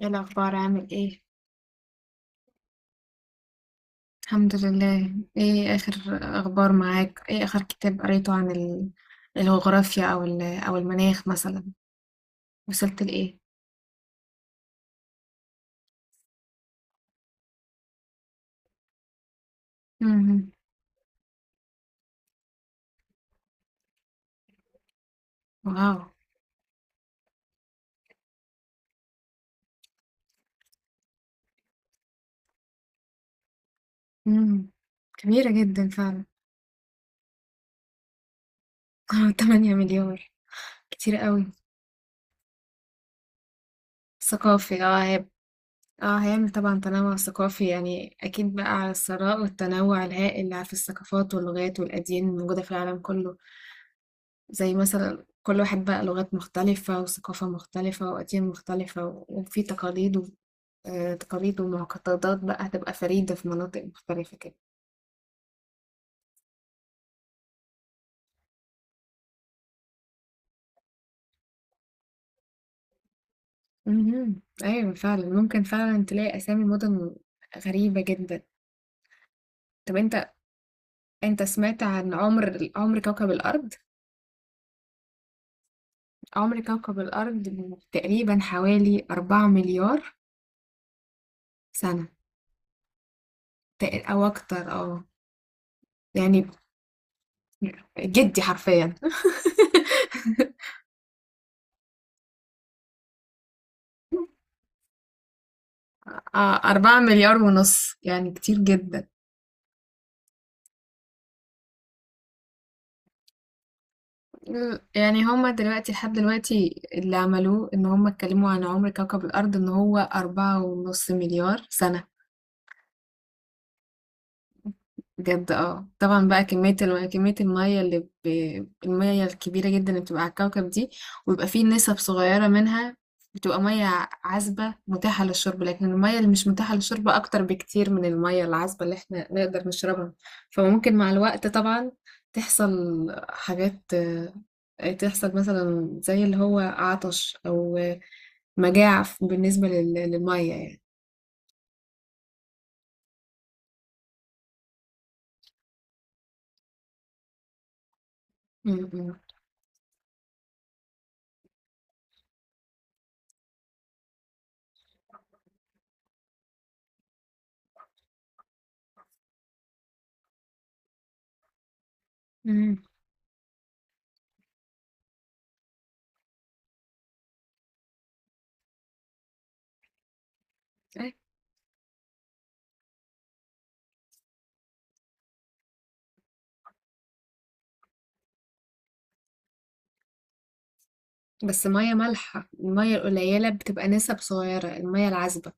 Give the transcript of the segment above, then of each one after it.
ايه الاخبار؟ عامل ايه؟ الحمد لله. ايه اخر اخبار معاك؟ ايه اخر كتاب قريته عن الجغرافيا او المناخ مثلا؟ وصلت لايه؟ امم واو. امم كبيرة جدا فعلا. 8 مليار، كتير قوي. ثقافي، اه هيب. اه، هيعمل طبعا تنوع ثقافي، يعني اكيد بقى على الثراء والتنوع الهائل اللي في الثقافات واللغات والاديان الموجودة في العالم كله. زي مثلا كل واحد بقى لغات مختلفة وثقافة مختلفة وأديان مختلفة وفي تقاليد و تقاليد ومعتقدات بقى هتبقى فريدة في مناطق مختلفة كده. مهم. أيوة فعلا، ممكن فعلا تلاقي أسامي مدن غريبة جدا. طب انت، انت سمعت عن عمر كوكب الأرض؟ عمر كوكب الأرض تقريبا حوالي أربعة مليار سنة. أو أكتر، اه يعني. جدي حرفيا أربعة مليار ونص، يعني كتير جدا. يعني هما دلوقتي لحد دلوقتي اللي عملوه ان هما اتكلموا عن عمر كوكب الارض ان هو أربعة ونص مليار سنة. بجد اه، طبعا بقى كمية كمية المية اللي ب... المية الكبيرة جدا اللي بتبقى على الكوكب دي، ويبقى فيه نسب صغيرة منها بتبقى مية عذبة متاحة للشرب، لكن المية اللي مش متاحة للشرب أكتر بكتير من المية العذبة اللي احنا نقدر نشربها. فممكن مع الوقت طبعا تحصل حاجات، تحصل مثلا زي اللي هو عطش أو مجاعة بالنسبة للمية يعني. م- م- م. بس مية مالحة، المية القليلة بتبقى نسب صغيرة، المية العذبة.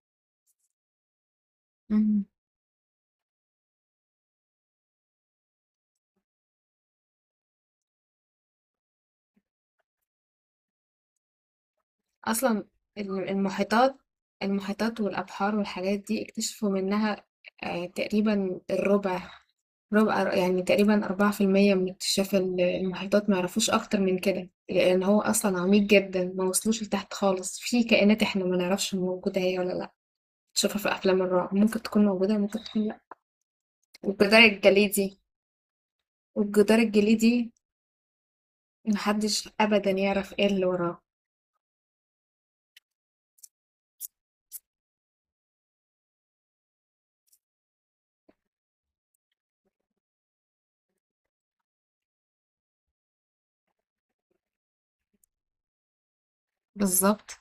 مم. أصلا المحيطات. المحيطات والأبحار والحاجات دي اكتشفوا منها آه، تقريبا الربع. ربع يعني تقريبا أربعة في المية من اكتشاف المحيطات. ما يعرفوش أكتر من كده لأن هو أصلا عميق جدا، ما وصلوش لتحت خالص. في كائنات احنا ما نعرفش موجودة هي ولا لأ، تشوفها في أفلام الرعب، ممكن تكون موجودة ممكن تكون لأ. والجدار الجليدي، والجدار الجليدي محدش ابدا يعرف ايه اللي وراه. بالظبط،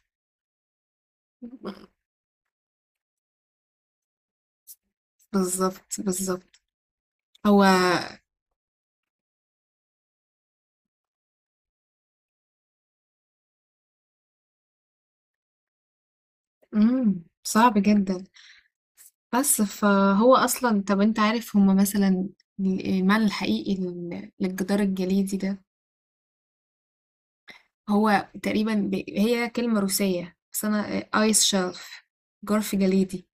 بالظبط، بالظبط. هو، صعب جدا. بس فهو اصلا، طب انت عارف هما مثلا المعنى الحقيقي للجدار الجليدي ده؟ هو تقريبا هي كلمة روسية، بس انا. ايس شلف، جرف جليدي.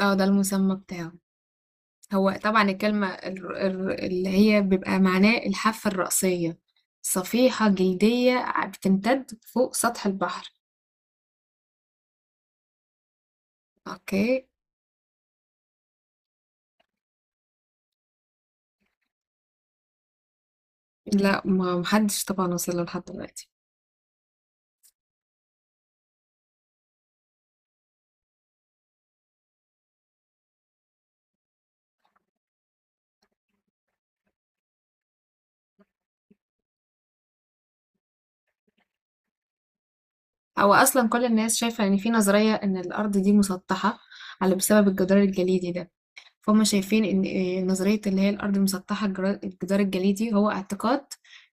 اه ده المسمى بتاعه. هو طبعا الكلمة اللي هي بيبقى معناه الحافة الرأسية، صفيحة جلدية بتمتد فوق سطح البحر. اوكي. لا، ما محدش طبعا وصل له لحد دلوقتي. هو اصلا كل الناس شايفه ان في نظريه ان الارض دي مسطحه، على بسبب الجدار الجليدي ده. فهم شايفين ان إيه، نظريه اللي هي الارض مسطحه. الجدار الجليدي هو اعتقاد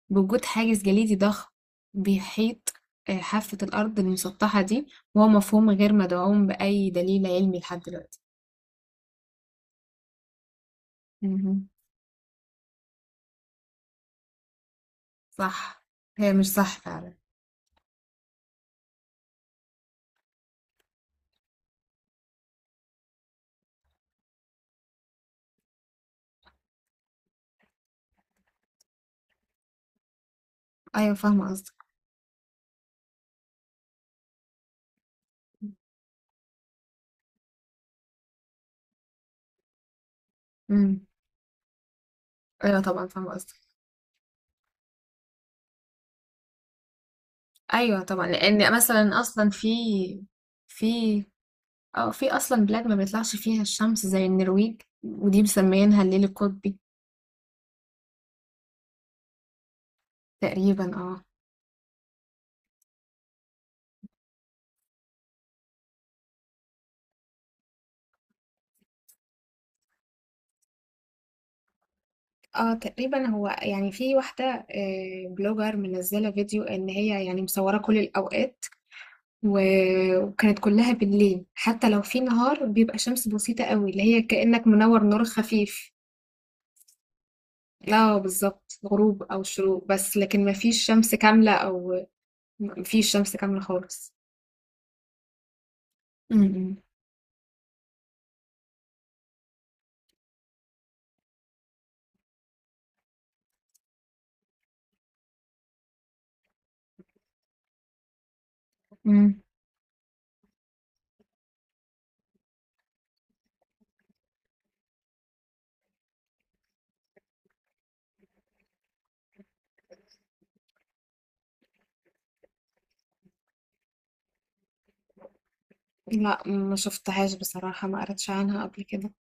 بوجود حاجز جليدي ضخم، بيحيط آه، حافه الارض المسطحه دي. وهو مفهوم غير مدعوم باي دليل علمي لحد دلوقتي. مهم. صح، هي مش صح فعلا. ايوه فاهمه قصدك. امم ايوه طبعا فاهمه قصدك. ايوه طبعا، لان مثلا اصلا في، في اه في اصلا بلاد ما بيطلعش فيها الشمس زي النرويج، ودي مسميينها الليل القطبي. تقريبا اه. اه تقريبا، هو يعني في واحدة آه، بلوجر منزلة فيديو ان هي يعني مصورة كل الاوقات، وكانت كلها بالليل، حتى لو في نهار بيبقى شمس بسيطة قوي اللي هي كأنك منور نور خفيف. لا، بالظبط، غروب او شروق بس، لكن مفيش شمس كاملة او مفيش شمس كاملة خالص. م. مم. لا، ما شفتهاش بصراحة، ما قريتش عنها قبل كده.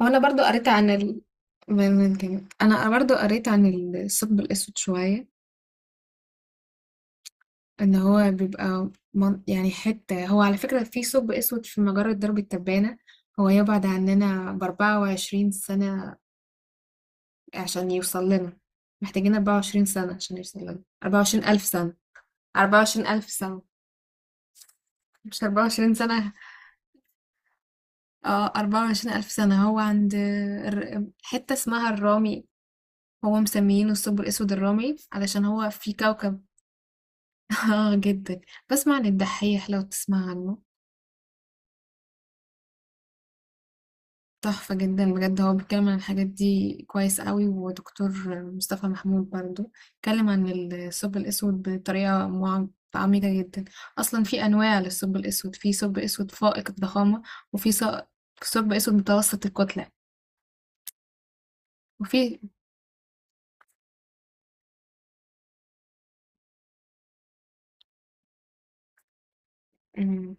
وانا برضو قريت عن من تاني. انا برضو قريت عن الثقب الاسود شوية. ان هو بيبقى يعني حتة، هو على فكرة في ثقب اسود في مجرة درب التبانة. هو يبعد عننا بأربعة وعشرين سنة عشان يوصل لنا، محتاجين أربعة وعشرين سنة عشان يوصل لنا أربعة وعشرين ألف سنة. أربعة وعشرين ألف سنة، مش أربعة وعشرين سنة. اه أربعة وعشرين ألف سنة. هو عند حتة اسمها الرامي، هو مسميينه الثقب الأسود الرملي علشان هو في كوكب. اه جدا. بسمع عن الدحيح لو تسمع عنه. تحفة جدا بجد، هو بيتكلم عن الحاجات دي كويس قوي. ودكتور مصطفى محمود برضو اتكلم عن الثقب الأسود بطريقة عميقة جدا. أصلا في أنواع للثقب الأسود، في ثقب أسود فائق الضخامة، وفي ثق- ثقب أسود متوسط الكتلة، وفي. مم.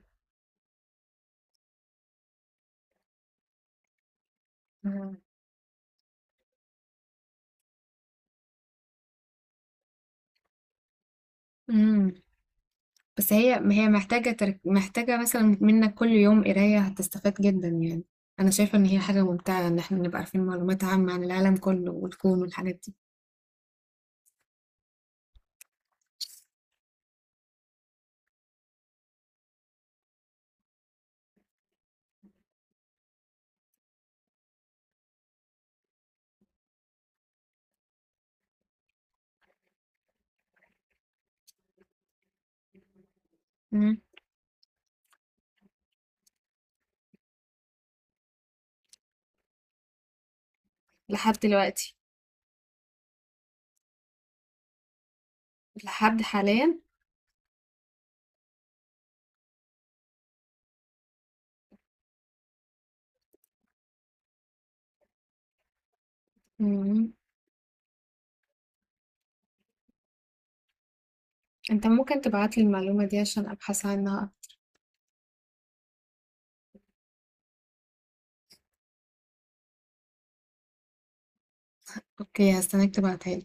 مم. بس هي، ما هي محتاجة محتاجة مثلا منك كل يوم قراية، هتستفاد جدا يعني. أنا شايفة إن هي حاجة ممتعة إن إحنا نبقى عارفين معلومات عامة عن العالم كله والكون والحاجات دي. مم. لحد دلوقتي. لحد حاليا. مم. انت ممكن تبعتلي المعلومة دي عشان ابحث عنها؟ أوكي، هستناك تبعتها.